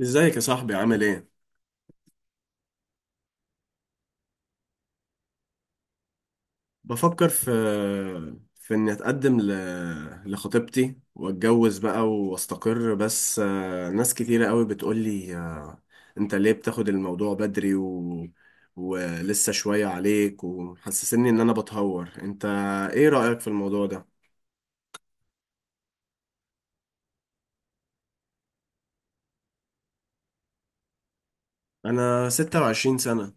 ازيك يا صاحبي؟ عامل ايه؟ بفكر في اني اتقدم لخطيبتي واتجوز بقى واستقر، بس ناس كتيرة قوي بتقولي انت ليه بتاخد الموضوع بدري ولسه شوية عليك ومحسسني ان انا بتهور. انت ايه رأيك في الموضوع ده؟ انا 26 سنة.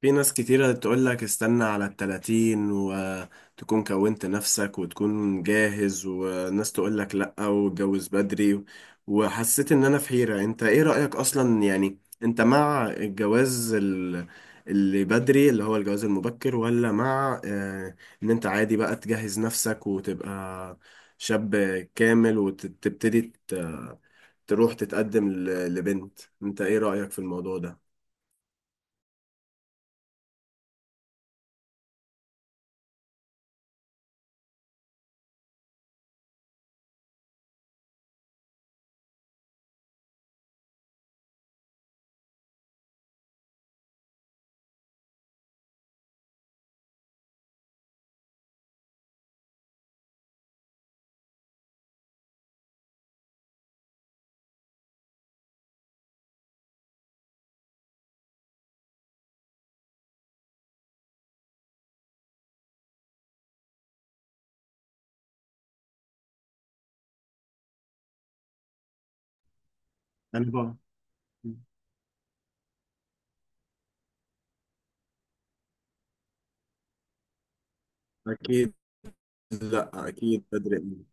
في ناس كتيرة تقول لك استنى على التلاتين وتكون كونت نفسك وتكون جاهز، وناس تقول لك لأ واتجوز بدري. وحسيت إن أنا في حيرة. أنت إيه رأيك أصلا؟ يعني أنت مع الجواز اللي بدري، اللي هو الجواز المبكر، ولا مع إن أنت عادي بقى تجهز نفسك وتبقى شاب كامل وتبتدي تروح تتقدم لبنت؟ أنت إيه رأيك في الموضوع ده؟ أنا بقى أكيد لا، اكيد بدري قوي.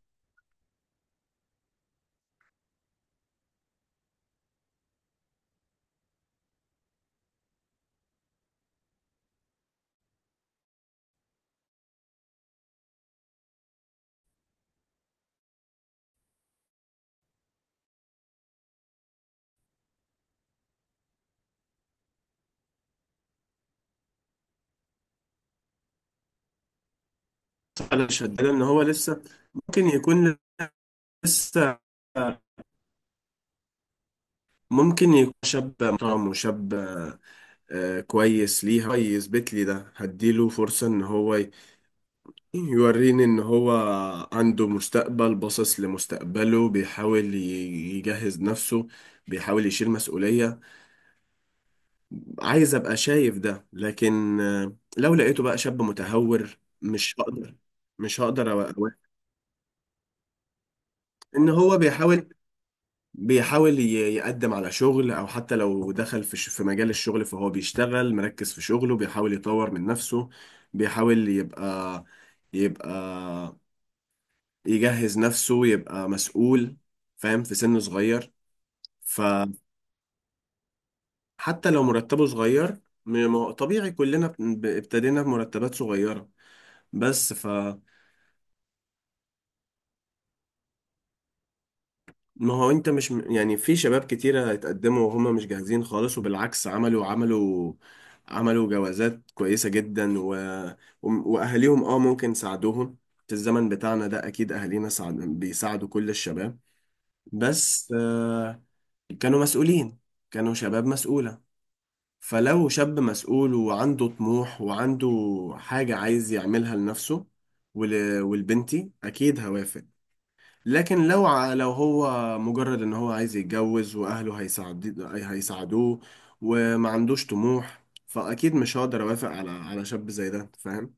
انا شدد ان هو لسه ممكن يكون لسه ممكن يكون شاب محترم وشاب كويس ليها، كويس بيتلي، ده هديله فرصة ان هو يوريني ان هو عنده مستقبل، باصص لمستقبله، بيحاول يجهز نفسه، بيحاول يشيل مسؤولية. عايز ابقى شايف ده، لكن لو لقيته بقى شاب متهور مش هقدر، مش هقدر أوقف. ان هو بيحاول، بيحاول يقدم على شغل، او حتى لو دخل في في مجال الشغل فهو بيشتغل مركز في شغله، بيحاول يطور من نفسه، بيحاول يبقى يجهز نفسه يبقى مسؤول، فاهم، في سن صغير. فحتى لو مرتبه صغير، طبيعي كلنا ابتدينا بمرتبات صغيرة. بس ما هو انت مش يعني في شباب كتيرة اتقدموا وهم مش جاهزين خالص، وبالعكس عملوا عملوا جوازات كويسة جدا واهاليهم اه ممكن ساعدوهم. في الزمن بتاعنا ده اكيد اهالينا بيساعدوا كل الشباب، بس آه، كانوا مسؤولين، كانوا شباب مسؤولة. فلو شاب مسؤول وعنده طموح وعنده حاجة عايز يعملها لنفسه والبنتي، اكيد هوافق. لكن لو لو هو مجرد ان هو عايز يتجوز واهله هيساعدوه وما عندوش طموح، فاكيد مش هقدر اوافق على شاب زي ده، فاهم؟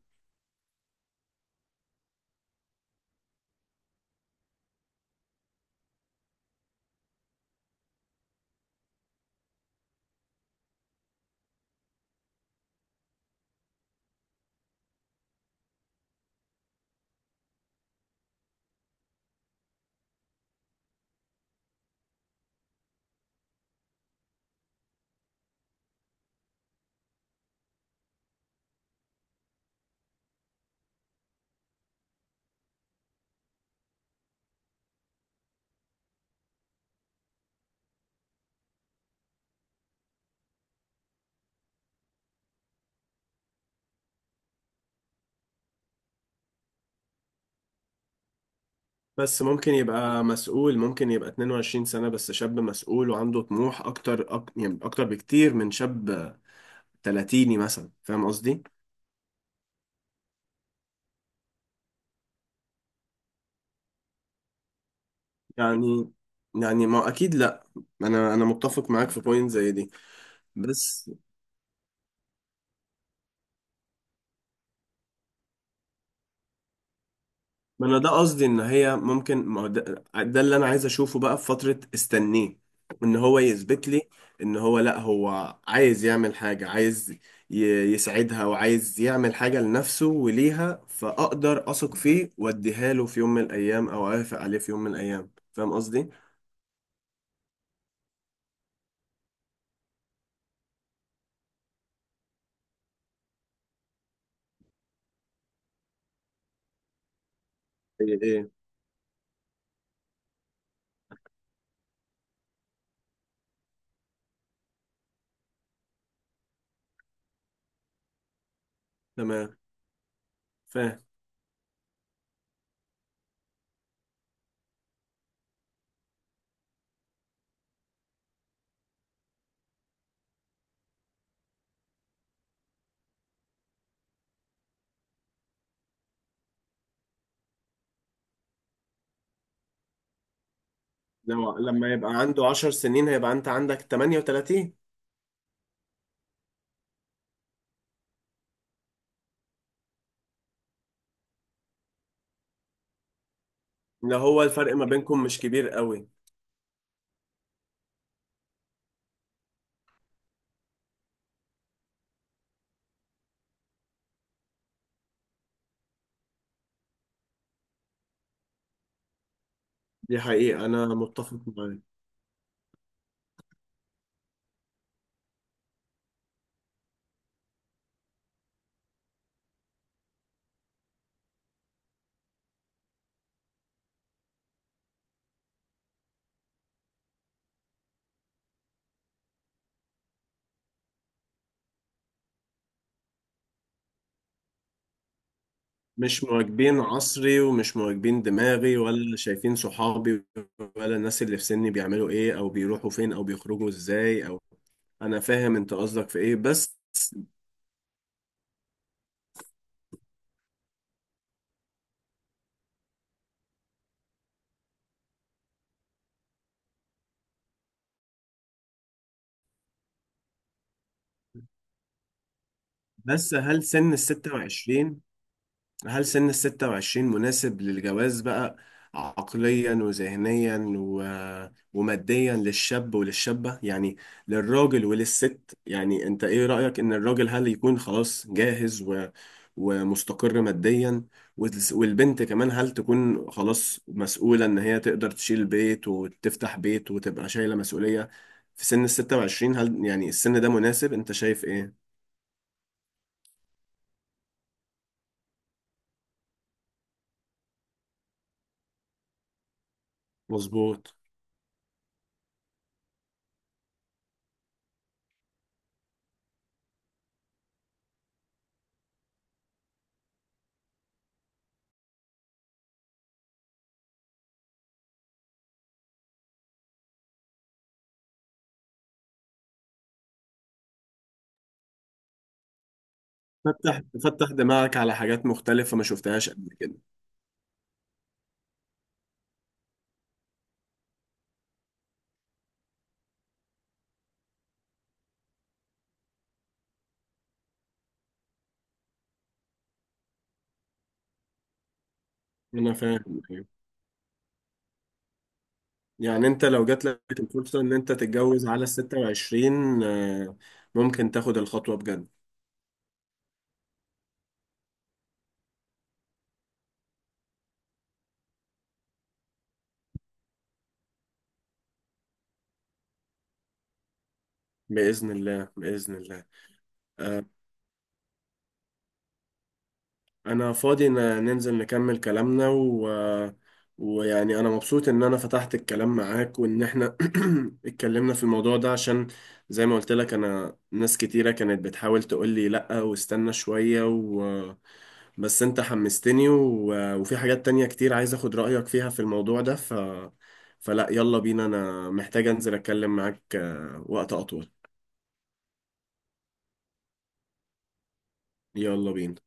بس ممكن يبقى مسؤول، ممكن يبقى 22 سنة بس شاب مسؤول وعنده طموح اكتر يعني اكتر بكتير من شاب 30 مثلا، فاهم قصدي؟ يعني، يعني ما اكيد لا. انا متفق معاك في بوينت زي دي. بس ما انا ده قصدي، ان هي ممكن، ما هو ده، ده اللي انا عايز اشوفه بقى في فترة استنيه. ان هو يثبت لي ان هو لا، هو عايز يعمل حاجة، عايز يسعدها وعايز يعمل حاجة لنفسه وليها، فاقدر اثق فيه واديها له في يوم من الايام، او اوافق عليه في يوم من الايام، فاهم قصدي؟ ايه ايه، تمام، فاهم. لو لما يبقى عنده 10 سنين هيبقى انت عندك 38. لو هو الفرق ما بينكم مش كبير قوي. دي حقيقة، انا متفق معاك. مش مواكبين عصري، ومش مواكبين دماغي، ولا شايفين صحابي، ولا الناس اللي في سني بيعملوا ايه، او بيروحوا فين، او بيخرجوا ازاي، او... انا فاهم انت قصدك في ايه، بس بس هل سن ال 26 هل سن ال 26 مناسب للجواز بقى، عقليا وذهنيا وماديا، للشاب وللشابة، يعني للراجل وللست؟ يعني انت ايه رأيك؟ ان الراجل هل يكون خلاص جاهز ومستقر ماديا، والبنت كمان هل تكون خلاص مسؤولة ان هي تقدر تشيل بيت وتفتح بيت وتبقى شايلة مسؤولية في سن ال 26؟ هل يعني السن ده مناسب؟ انت شايف ايه؟ مظبوط. فتح، فتح دماغك على حاجات مختلفة ما شفتهاش قبل كده. أنا فاهم، أيوة. يعني أنت لو جات لك الفرصة إن أنت تتجوز على ال 26، ممكن تاخد الخطوة بجد. بإذن الله، بإذن الله. آه، انا فاضي، ننزل نكمل كلامنا ويعني انا مبسوط ان انا فتحت الكلام معاك، وان احنا اتكلمنا في الموضوع ده. عشان زي ما قلت لك، انا ناس كتيرة كانت بتحاول تقول لي لا واستنى شوية بس انت حمستني وفي حاجات تانية كتير عايز اخد رأيك فيها في الموضوع ده فلا، يلا بينا، انا محتاج انزل اتكلم معاك وقت اطول. يلا بينا.